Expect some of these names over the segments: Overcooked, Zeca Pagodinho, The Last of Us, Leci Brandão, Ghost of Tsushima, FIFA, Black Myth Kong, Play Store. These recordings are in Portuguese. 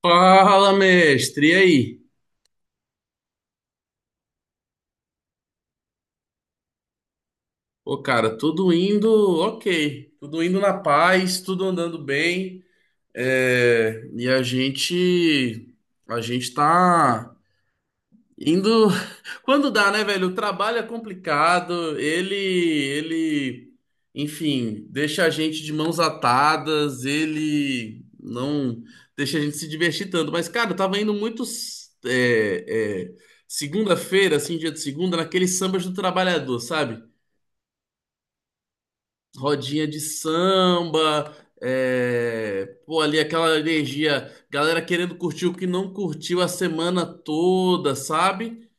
Fala, mestre, e aí? Pô, cara, tudo indo ok, tudo indo na paz, tudo andando bem, e a gente tá indo quando dá, né, velho? O trabalho é complicado. Enfim, deixa a gente de mãos atadas. Ele não deixa a gente se divertir tanto. Mas, cara, eu tava indo muito é, é, segunda-feira, assim, dia de segunda, naqueles sambas do trabalhador, sabe? Rodinha de samba, é, pô, ali aquela energia, galera querendo curtir o que não curtiu a semana toda, sabe?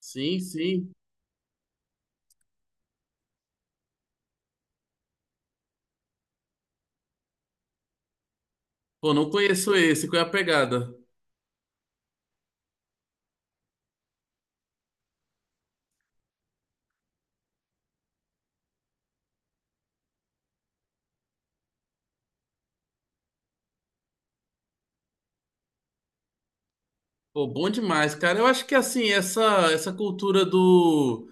Sim, sim. Pô, não conheço esse, qual é a pegada? Pô, bom demais, cara. Eu acho que assim, essa cultura do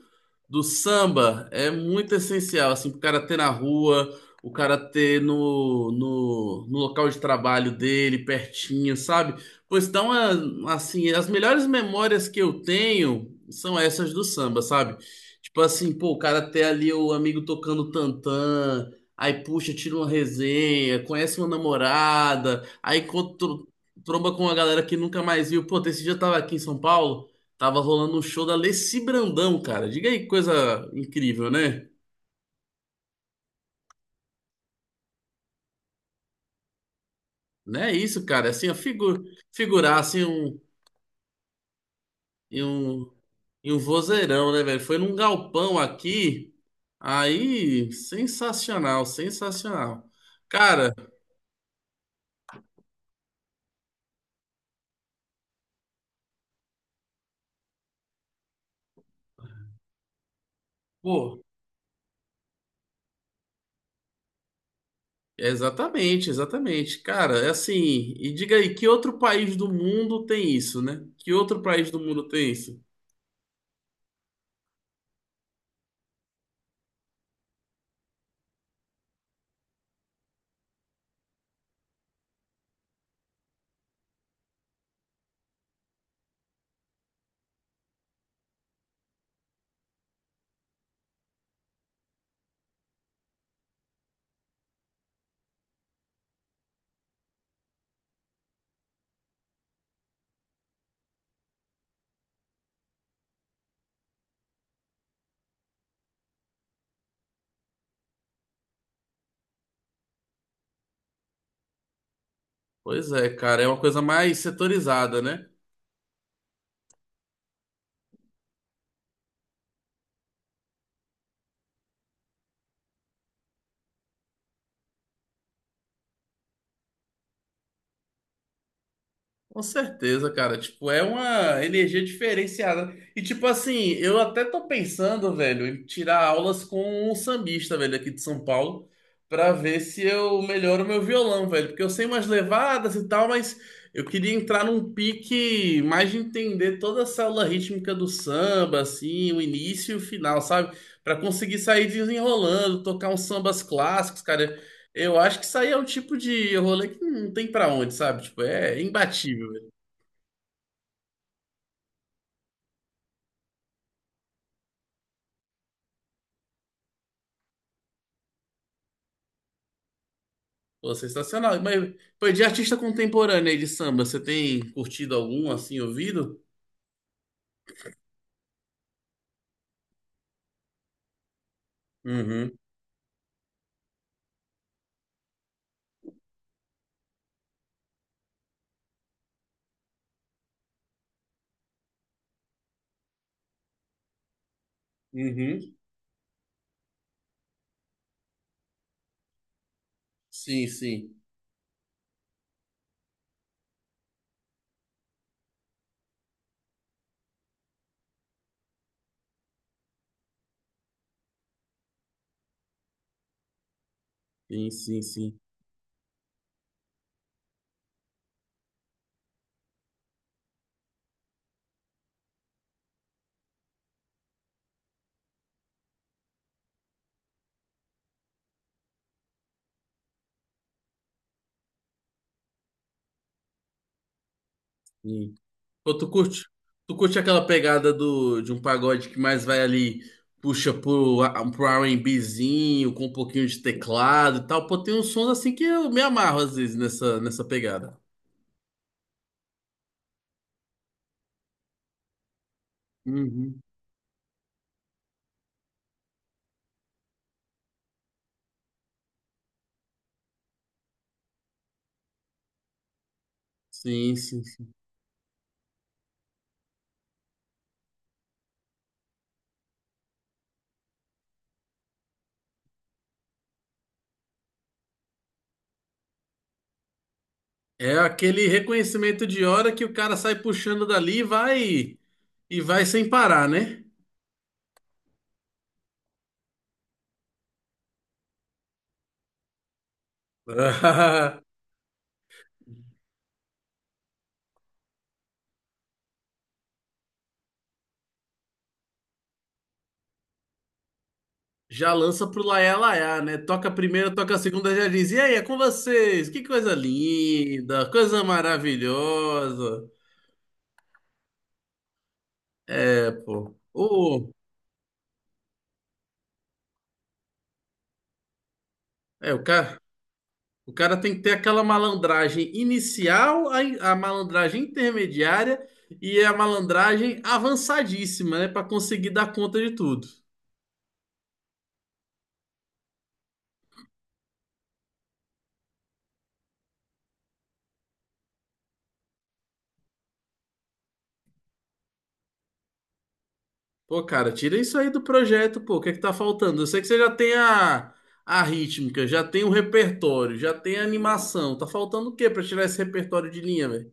do samba é muito essencial, assim, pro cara ter na rua, o cara ter no local de trabalho dele, pertinho, sabe? Pois então, assim, as melhores memórias que eu tenho são essas do samba, sabe? Tipo assim, pô, o cara ter ali o amigo tocando tantã, aí puxa, tira uma resenha, conhece uma namorada, aí encontra, tromba com uma galera que nunca mais viu. Pô, esse dia eu tava aqui em São Paulo. Tava rolando um show da Leci Brandão, cara. Diga aí que coisa incrível, né? Não é isso, cara. É assim, ó, figurar assim um, em um, em um vozeirão, né, velho? Foi num galpão aqui. Aí, sensacional, sensacional. Cara, pô, exatamente, exatamente. Cara, é assim. E diga aí, que outro país do mundo tem isso, né? Que outro país do mundo tem isso? Pois é, cara, é uma coisa mais setorizada, né? Com certeza, cara. Tipo, é uma energia diferenciada. E, tipo assim, eu até tô pensando, velho, em tirar aulas com um sambista, velho, aqui de São Paulo, pra ver se eu melhoro meu violão, velho. Porque eu sei umas levadas e tal, mas eu queria entrar num pique mais de entender toda a célula rítmica do samba, assim, o início e o final, sabe? Pra conseguir sair desenrolando, tocar uns sambas clássicos, cara. Eu acho que isso aí é um tipo de rolê que não tem pra onde, sabe? Tipo, é imbatível, velho. Pô, sensacional. Mas, pô, de artista contemporâneo aí de samba, você tem curtido algum, assim, ouvido? Uhum, uhum. Sim, sim. Sim, sim, sim. Sim. Pô, tu curte? Tu curte aquela pegada do, de um pagode que mais vai ali, puxa pro, pro R&Bzinho, com um pouquinho de teclado e tal. Pô, tem uns sons assim que eu me amarro às vezes nessa pegada. Uhum. Sim, sim. É aquele reconhecimento de hora que o cara sai puxando dali e vai sem parar, né? Já lança pro laiá laiá, né? Toca a primeira, toca a segunda, já diz: E aí, é com vocês? Que coisa linda, coisa maravilhosa. É, pô. É, o cara, o cara tem que ter aquela malandragem inicial, a malandragem intermediária e a malandragem avançadíssima, né? Pra conseguir dar conta de tudo. Pô, cara, tira isso aí do projeto, pô. O que é que tá faltando? Eu sei que você já tem a rítmica, já tem o repertório, já tem a animação. Tá faltando o quê pra tirar esse repertório de linha, velho?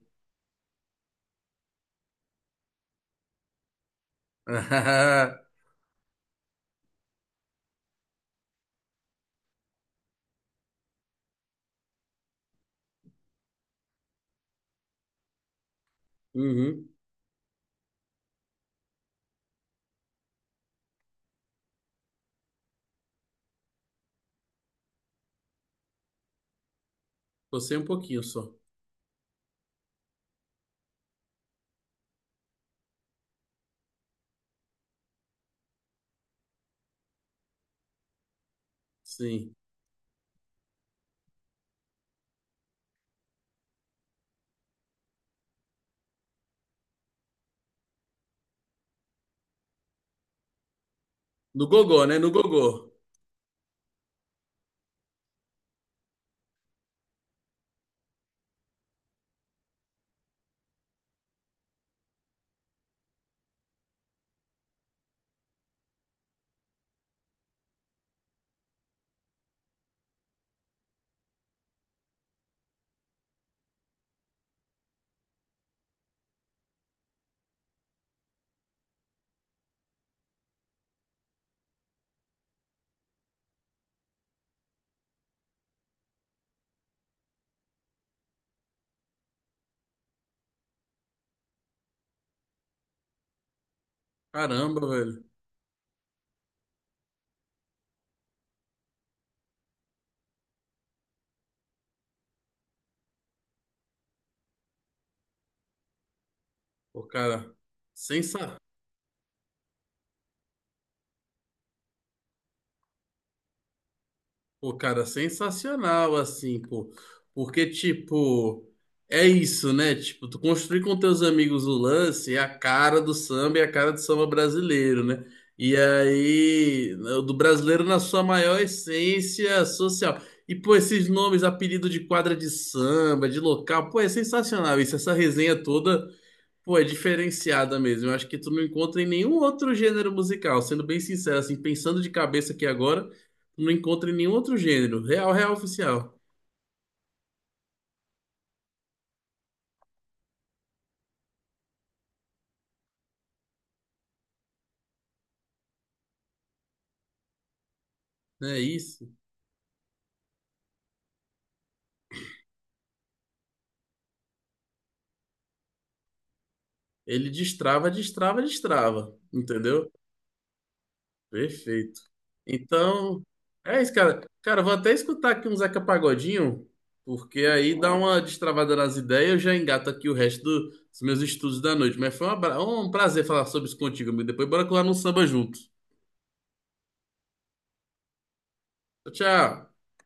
Uhum. Gostei um pouquinho só. Sim. No gogó, né? No gogó. Caramba, velho. Pô, cara, sensacional. Pô, cara, sensacional, assim, pô. Porque, tipo, é isso, né? Tipo, tu construir com teus amigos o lance é a cara do samba e a cara do samba brasileiro, né? E aí, o do brasileiro na sua maior essência social. E, pô, esses nomes, apelido de quadra de samba, de local, pô, é sensacional isso. Essa resenha toda pô, é diferenciada mesmo. Eu acho que tu não encontra em nenhum outro gênero musical. Sendo bem sincero, assim, pensando de cabeça aqui agora, tu não encontra em nenhum outro gênero. Real, real oficial. É isso. Ele destrava, destrava, destrava. Entendeu? Perfeito. Então, é isso, cara. Cara, eu vou até escutar aqui um Zeca Pagodinho, porque aí dá uma destravada nas ideias e eu já engato aqui o resto dos meus estudos da noite. Mas foi um um prazer falar sobre isso contigo, amigo. Depois bora colar num samba junto. Tchau, tchau.